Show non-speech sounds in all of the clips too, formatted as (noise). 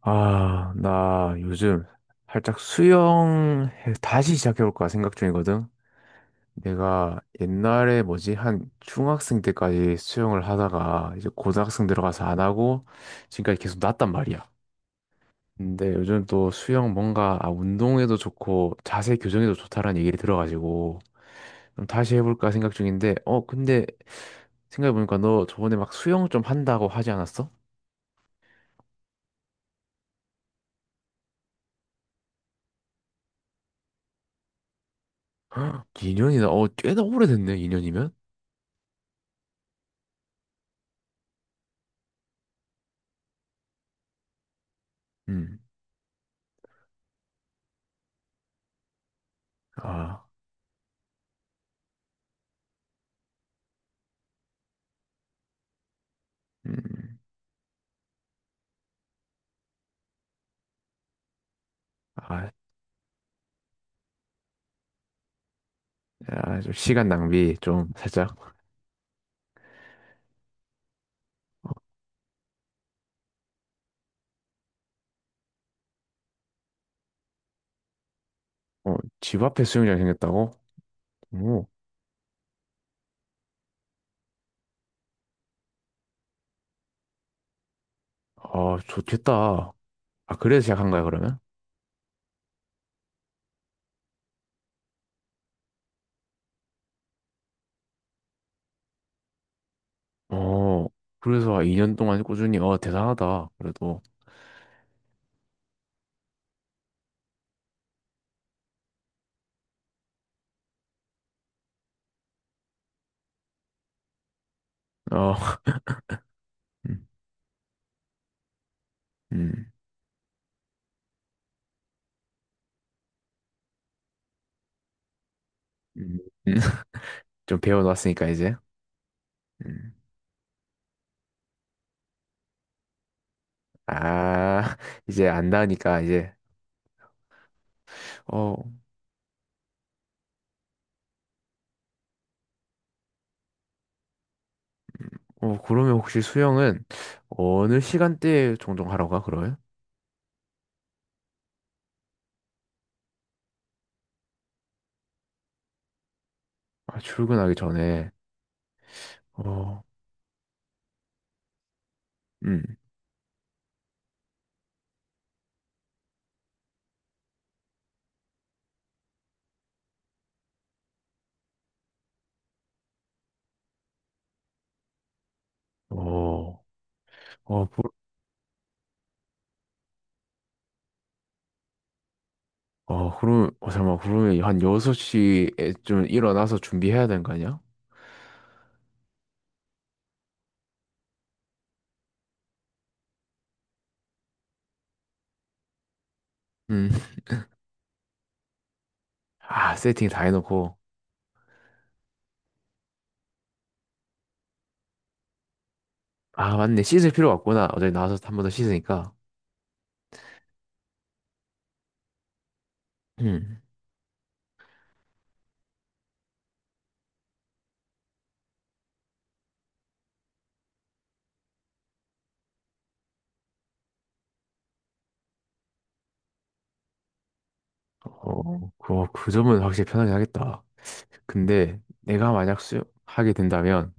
아, 나 요즘 살짝 다시 시작해볼까 생각 중이거든. 내가 옛날에 뭐지, 한 중학생 때까지 수영을 하다가 이제 고등학생 들어가서 안 하고 지금까지 계속 났단 말이야. 근데 요즘 또 수영 뭔가 아, 운동에도 좋고 자세 교정에도 좋다라는 얘기를 들어가지고 좀 다시 해볼까 생각 중인데, 근데 생각해보니까 너 저번에 막 수영 좀 한다고 하지 않았어? (gasps) 2년이나, 어, 꽤나 오래됐네, 2년이면? 아, 음, 아, 아, 좀 시간 낭비 좀 살짝. 어, 집 앞에 수영장 생겼다고? 오, 아, 좋겠다. 아, 그래서 시작한 거야, 그러면? 어, 그래서 2년 동안 꾸준히, 어, 대단하다. 그래도, 어, (laughs) 음, 음, 음, 음. (laughs) 좀 배워놨으니까, 이제. 음. 아, (laughs) 이제 안다니까, 이제. 어, 어, 그러면 혹시 수영은 어느 시간대에 종종 하러 가, 그러면? 아, 출근하기 전에. 어, 음. 어. 어, 그, 그럼, 어, 잠깐만, 그러면 한 6시에 좀 일어나서 준비해야 되는 거 아니야? 음. 아, 세팅 다 해놓고. 아, 맞네. 씻을 필요가 없구나. 어제 나와서 한 번 더 씻으니까. 음. 그 점은 확실히 편하긴 하겠다. 근데 내가 만약 수영하게 된다면,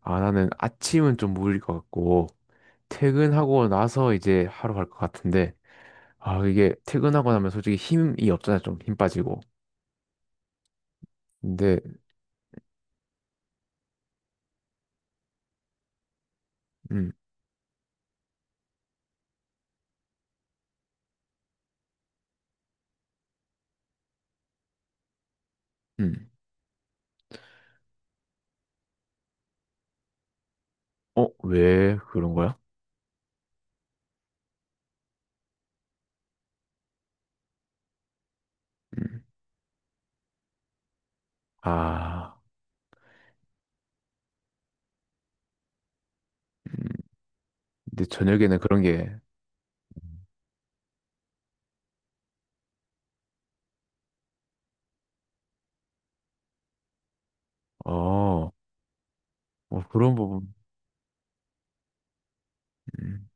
아, 나는 아침은 좀 무리일 것 같고, 퇴근하고 나서 이제 하러 갈 것 같은데, 아, 이게 퇴근하고 나면 솔직히 힘이 없잖아. 좀 힘 빠지고. 근데, 음, 음. 어, 왜 그런 거야? 음. 아, 음. 근데 저녁에는 그런 게, 어, 어, 그런 부분, 음.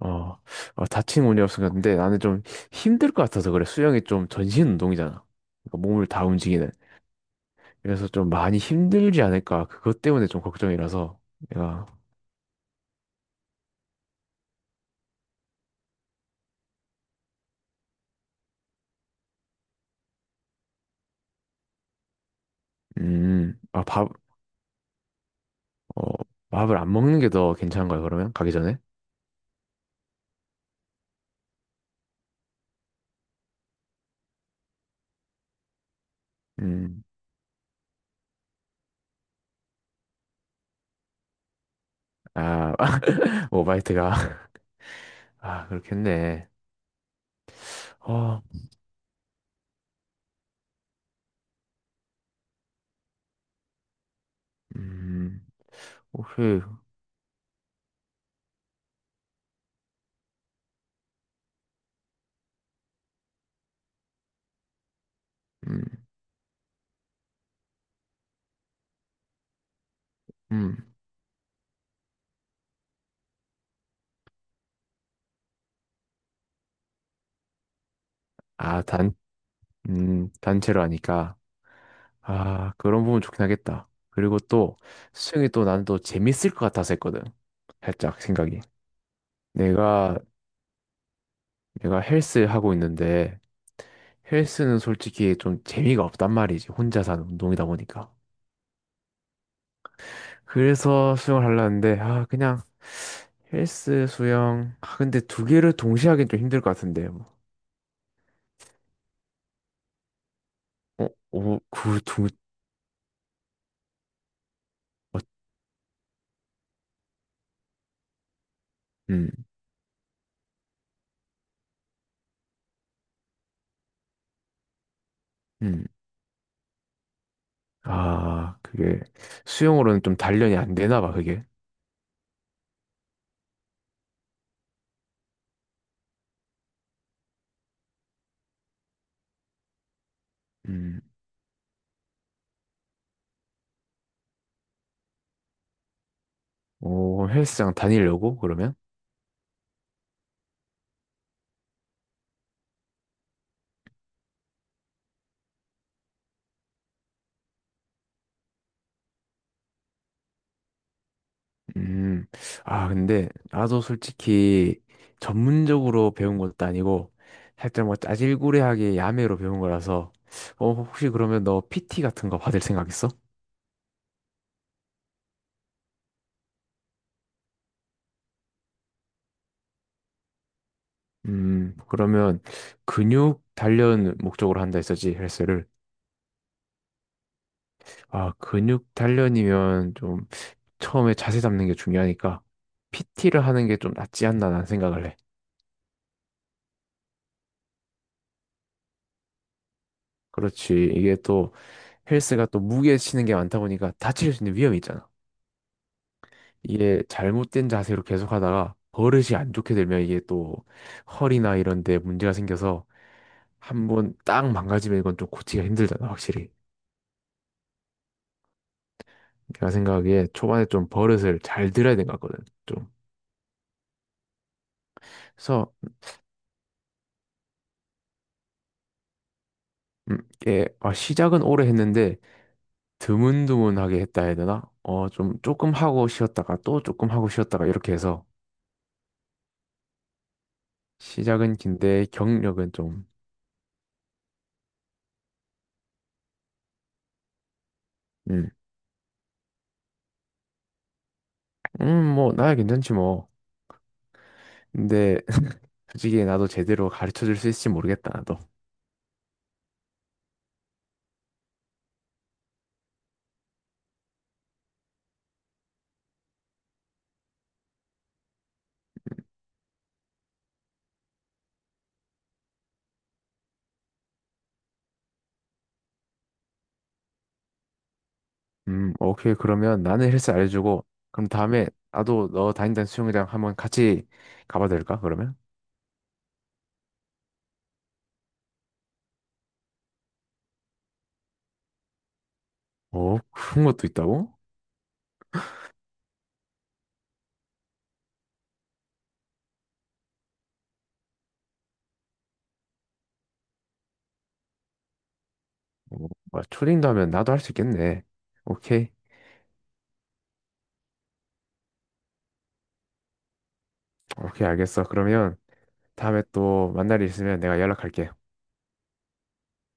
어, 어, 다친 운이 없었근데 나는 좀 힘들 것 같아서 그래. 수영이 좀 전신 운동이잖아. 그러니까 몸을 다 움직이는. 그래서 좀 많이 힘들지 않을까. 그것 때문에 좀 걱정이라서 내가, 아, 밥, 어, 밥을 안 먹는 게 더 괜찮은 거야, 그러면? 가기 전에? 음, 아, (laughs) 오바이트가. (laughs) 아, 그렇겠네. 어, 음, 혹시, 음, 음. 아, 단, 단체로 하니까. 아, 그런 부분 좋긴 하겠다. 그리고 또, 수영이 또 나는 또 재밌을 것 같아서 했거든. 살짝 생각이. 내가, 내가 헬스 하고 있는데, 헬스는 솔직히 좀 재미가 없단 말이지. 혼자서 하는 운동이다 보니까. 그래서 수영을 하려는데, 아, 그냥, 헬스, 수영. 아, 근데 두 개를 동시에 하긴 좀 힘들 것 같은데. 뭐. 어, 어, 그 두, 어, 음, 음. 아, 그게 수영으로는 좀 단련이 안 되나 봐, 그게. 음. 오, 헬스장 다니려고 그러면? 음. 아, 근데 나도 솔직히 전문적으로 배운 것도 아니고 살짝 뭐 짜질구레하게 야매로 배운 거라서 어, 혹시 그러면 너 PT 같은 거 받을 생각 있어? 그러면 근육 단련 목적으로 한다 했었지, 헬스를. 아, 근육 단련이면 좀 처음에 자세 잡는 게 중요하니까 PT를 하는 게 좀 낫지 않나 난 생각을 해. 그렇지. 이게 또 헬스가 또 무게 치는 게 많다 보니까 다칠 수 있는 위험이 있잖아. 이게 잘못된 자세로 계속 하다가 버릇이 안 좋게 되면 이게 또 허리나 이런 데 문제가 생겨서 한번 딱 망가지면 이건 좀 고치기가 힘들잖아, 확실히. 내가 생각하기에 초반에 좀 버릇을 잘 들어야 된 것 같거든, 좀. 그래서, 이게, 아, 시작은 오래 했는데, 드문드문하게 했다 해야 되나? 어, 좀 조금 하고 쉬었다가 또 조금 하고 쉬었다가 이렇게 해서 시작은 긴데 경력은 좀, 음, 뭐, 나야 괜찮지, 뭐. 근데, (laughs) 솔직히 나도 제대로 가르쳐 줄 수 있을지 모르겠다, 나도. 오케이. 그러면 나는 헬스 알려주고, 그럼 다음에 나도 너 다닌다는 수영장 한번 같이 가봐도 될까, 그러면? 오, 그런 것도 있다고? 오, 뭐야, 초딩도 하면 나도 할 수 있겠네. 오케이. 오케이, 알겠어. 그러면 다음에 또 만날 일 있으면 내가 연락할게.